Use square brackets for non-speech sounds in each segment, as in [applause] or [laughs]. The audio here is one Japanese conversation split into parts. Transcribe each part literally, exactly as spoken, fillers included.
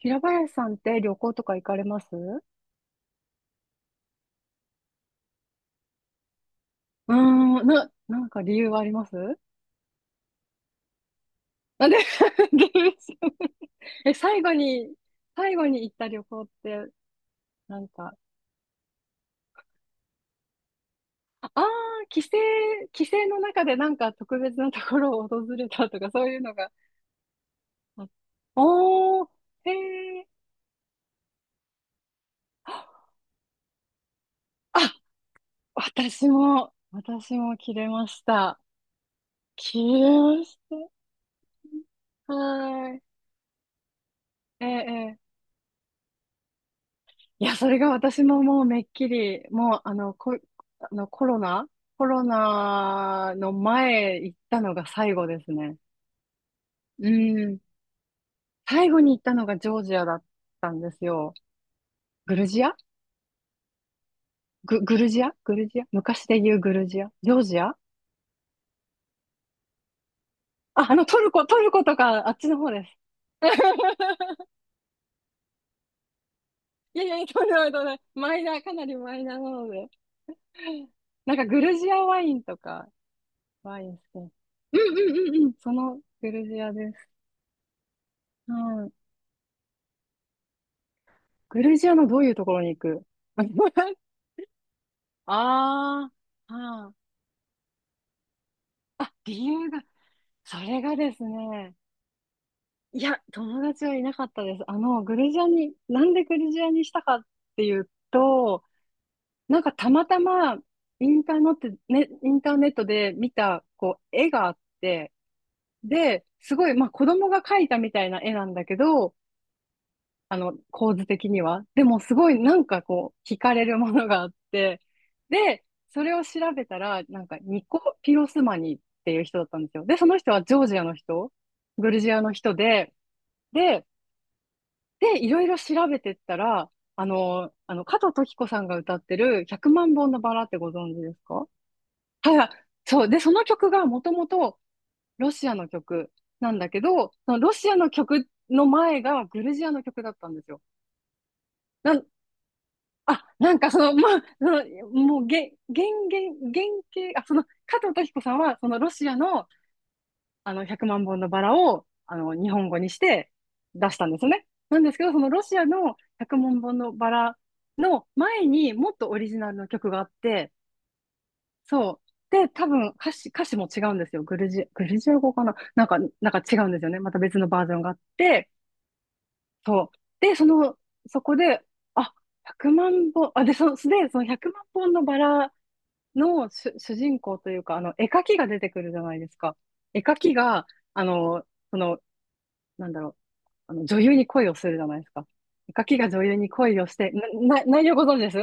平林さんって旅行とか行かれますう？ーん、な、なんか理由はあります？なんで？ [laughs] 理由知らない。 [laughs] え、最後に、最後に行った旅行って、なんか、ああー、帰省、帰省の中でなんか特別なところを訪れたとか、そういうのが、あっ、おー、へえ。あ、私も、私も切れました。切れました。はーい。ええ、えいや、それが私ももうめっきり、もうあの、こ、あのコロナ、コロナの前行ったのが最後ですね。うん。最後に行ったのがジョージアだったんですよ。グルジアグ、グルジアグルジア昔で言うグルジア、ジョージア。あ、あのトルコ、トルコとかあっちの方です。[laughs] いやいや、とんでもないとんでもない。マイナー、かなりマイナーなので。なんかグルジアワインとか、ワイン好き？うんうんうんうん。そのグルジアです。グルジアのどういうところに行く？ [laughs] ああ、はあ。あ、理由が、それがですね、いや、友達はいなかったです。あの、グルジアに、なんでグルジアにしたかっていうと、なんかたまたま、インターネット、ね、インターネットで見た、こう、絵があって、で、すごい、まあ、子供が描いたみたいな絵なんだけど、あの、構図的には。でもすごいなんかこう、惹かれるものがあって、で、それを調べたら、なんかニコ・ピロスマニっていう人だったんですよ。で、その人はジョージアの人、グルジアの人で、で、で、いろいろ調べてったら、あの、あの、加藤登紀子さんが歌ってるひゃくまん本のバラってご存知ですか？はいはい、そう。で、その曲がもともとロシアの曲なんだけど、そのロシアの曲の前がグルジアの曲だったんですよ。な、あ、なんかその、まあ、その、もう、げ、原原原型、あ、その、加藤登紀子さんは、そのロシアの、あの、ひゃくまん本のバラを、あの、日本語にして出したんですよね。なんですけど、そのロシアのひゃくまん本のバラの前にもっとオリジナルの曲があって、そう。で、多分歌詞、歌詞も違うんですよ。グルジ、グルジア語かな、なんか、なんか違うんですよね。また別のバージョンがあって、そう。で、その、そこで、あ、ひゃくまん本、あ、で、そ、で、そのいちまん本のバラの主、主人公というか、あの、絵描きが出てくるじゃないですか。絵描きが、あの、その、なんだろう、あの、女優に恋をするじゃないですか。絵描きが女優に恋をして、な、な、内容ご存知です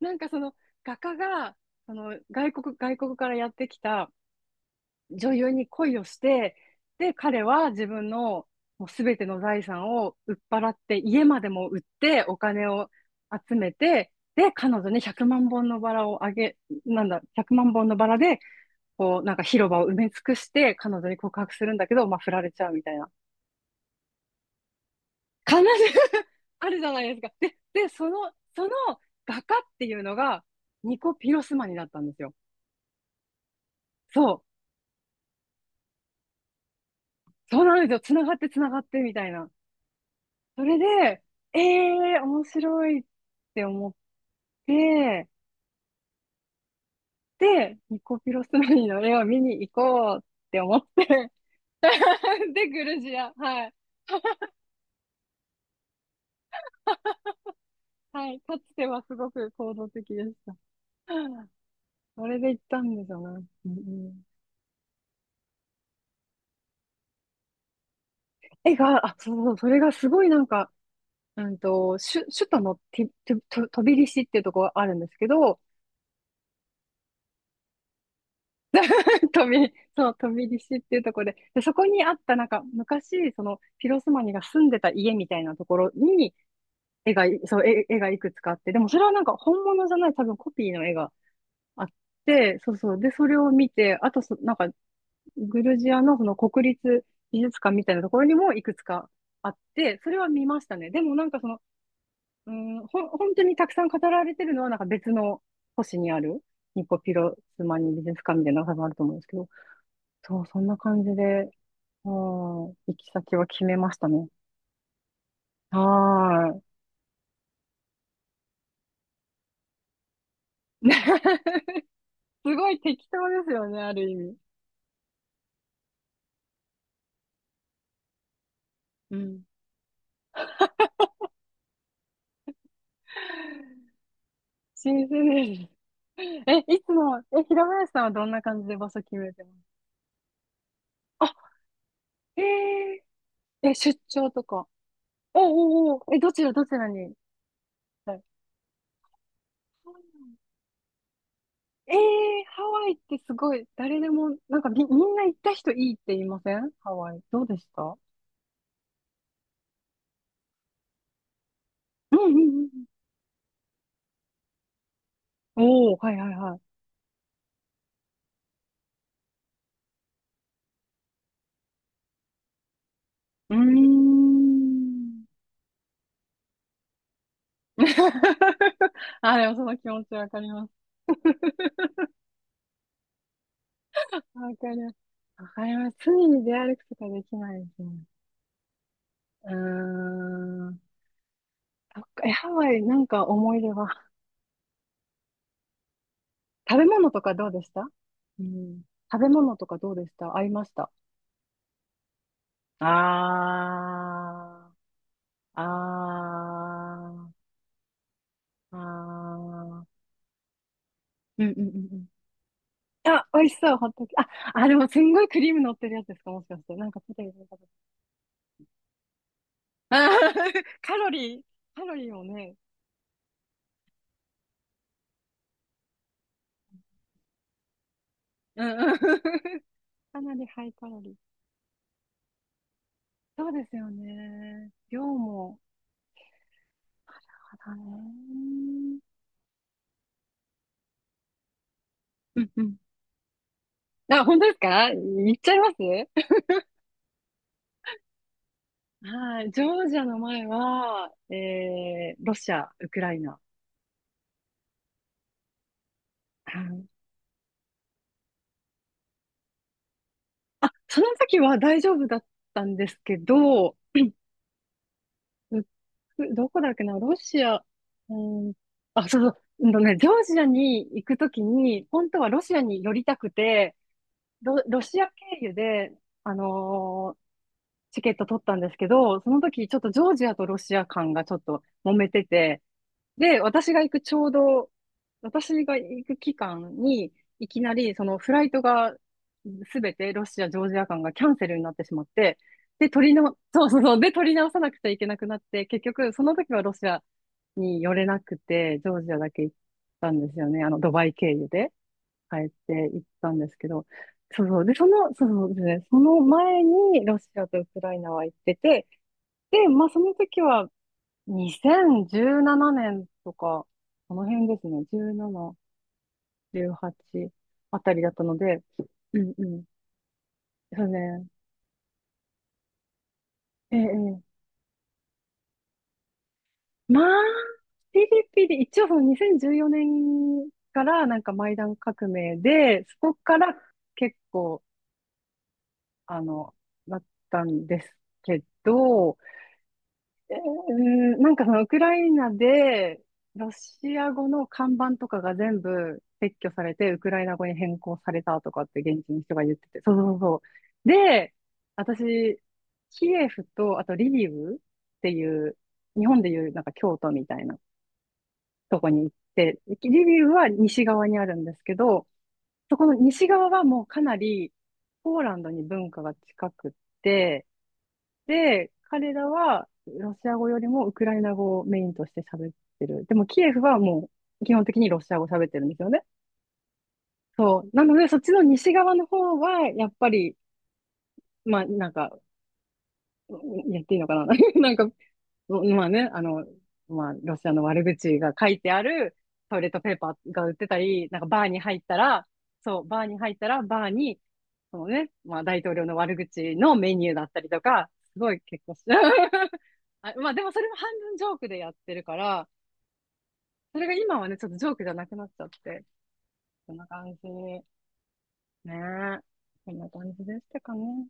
なんかその、画家が、その、外国、外国からやってきた、女優に恋をして、で、彼は自分のもう全ての財産を売っ払って、家までも売ってお金を集めて、で、彼女にひゃくまん本のバラをあげ、なんだ、いちまん本のバラで、こう、なんか広場を埋め尽くして、彼女に告白するんだけど、まあ、振られちゃうみたいな。必ず [laughs] あるじゃないですか。で、で、その、その画家っていうのが、ニコ・ピロスマニだったんですよ。そう。そうなんですよ。つながってつながってみたいな。それで、ええー、面白いって思って、で、ニコピロスマニの絵を見に行こうって思って。 [laughs] で、グルジア。はい。はい。かつてはすごく行動的でした。それで行ったんですよね。うんうん。絵が、あ、そうそう、それがすごいなんか、うんと、首、首都のティ、ティ、トトビリシっていうとこがあるんですけど、[laughs] トビ、そう、トビリシっていうところで、で、そこにあったなんか昔、その、ピロスマニが住んでた家みたいなところに、絵がい、そう、絵、絵がいくつかあって、でもそれはなんか本物じゃない、多分コピーの絵があって、そうそう。で、それを見て、あとそ、なんか、グルジアのその国立美術館みたいなところにもいくつかあって、それは見ましたね。でもなんかその、うん、ほん、本当にたくさん語られてるのはなんか別の星にある、ニコピロスマニ美術館みたいなのが多分あると思うんですけど、そう、そんな感じで、うん、行き先は決めましたね。はーい。[laughs] すごい適当ですよね、ある意味。うん。新鮮です。[laughs] え、いつも、え、平林さんはどんな感じで場所決めてますあ、へえー、え、出張とか？おうおうおう、え、どちらどちらに？はい、えー、ハワイってすごい、誰でも、なんかみ、みんな行った人いいって言いませんハワイ。どうでした？うんうんうんうん。おお、はいはいはい。うーん。[laughs] あ、でもその気持ちわかります。わかります。わかります。罪に出歩くとかできないですね。うーん。そっかえ、ハワイ、なんか思い出は？食べ物とかどうでした？うん。食べ物とかどうでした、合いました？あー、あー、あー、うんうんうんうん。あ、美味しそう、ホットケーキ。あ、あ、でもすんごいクリーム乗ってるやつですか、もしかして。なんかポテトと、あー、 [laughs] カロリー、カロリーもね、うんうん。[laughs] かなりハイカロリー。そうですよね。量も、ただね。うんうん、あ、本当ですか、言っちゃいますはい。ジョージアの前は、えー、ロシア、ウクライナ。はい、あ、その時は大丈夫だったんですけど、うどこだっけな、ロシア、うん、あ、そうそう、うんとね、ジョージアに行くときに、本当はロシアに寄りたくて、ロ、ロシア経由で、あのーチケット取ったんですけど、その時ちょっとジョージアとロシア間がちょっと揉めてて、で、私が行くちょうど、私が行く期間に、いきなり、そのフライトが、すべてロシア、ジョージア間がキャンセルになってしまって、で、取りの、そうそうそう、で、取り直さなくちゃいけなくなって、結局、その時はロシアに寄れなくて、ジョージアだけ行ったんですよね。あの、ドバイ経由で帰って行ったんですけど、そうそう、で、その、そうそうですね、その前にロシアとウクライナは行ってて、で、まあ、その時は、にせんじゅうななねんとか、この辺ですね。じゅうなな、じゅうはちあたりだったので、うんうん。そうね。ええ、ええ、まあ、ピリピリ、一応そのにせんじゅうよねんからなんかマイダン革命で、そこから結構、あの、なったんですけど、えーなんかそのウクライナで、ロシア語の看板とかが全部撤去されて、ウクライナ語に変更されたとかって現地の人が言ってて。そうそうそう。で、私、キエフと、あとリビウっていう、日本でいうなんか京都みたいなとこに行って、リビウは西側にあるんですけど、そこの西側はもうかなりポーランドに文化が近くって、で、彼らはロシア語よりもウクライナ語をメインとして喋ってる。でもキエフはもう基本的にロシア語喋ってるんですよね。そう。なので、そっちの西側の方は、やっぱり、まあ、なんか、うんやっていいのかな。 [laughs] なんか、まあね、あの、まあ、ロシアの悪口が書いてあるトイレットペーパーが売ってたり、なんかバーに入ったら、そう、バーに入ったら、バーに、そのね、まあ、大統領の悪口のメニューだったりとか、すごい結構し、[laughs] あ、まあ、でもそれも半分ジョークでやってるから、それが今はね、ちょっとジョークじゃなくなっちゃって、こんな感じ。ねえ。こんな感じでしたかね。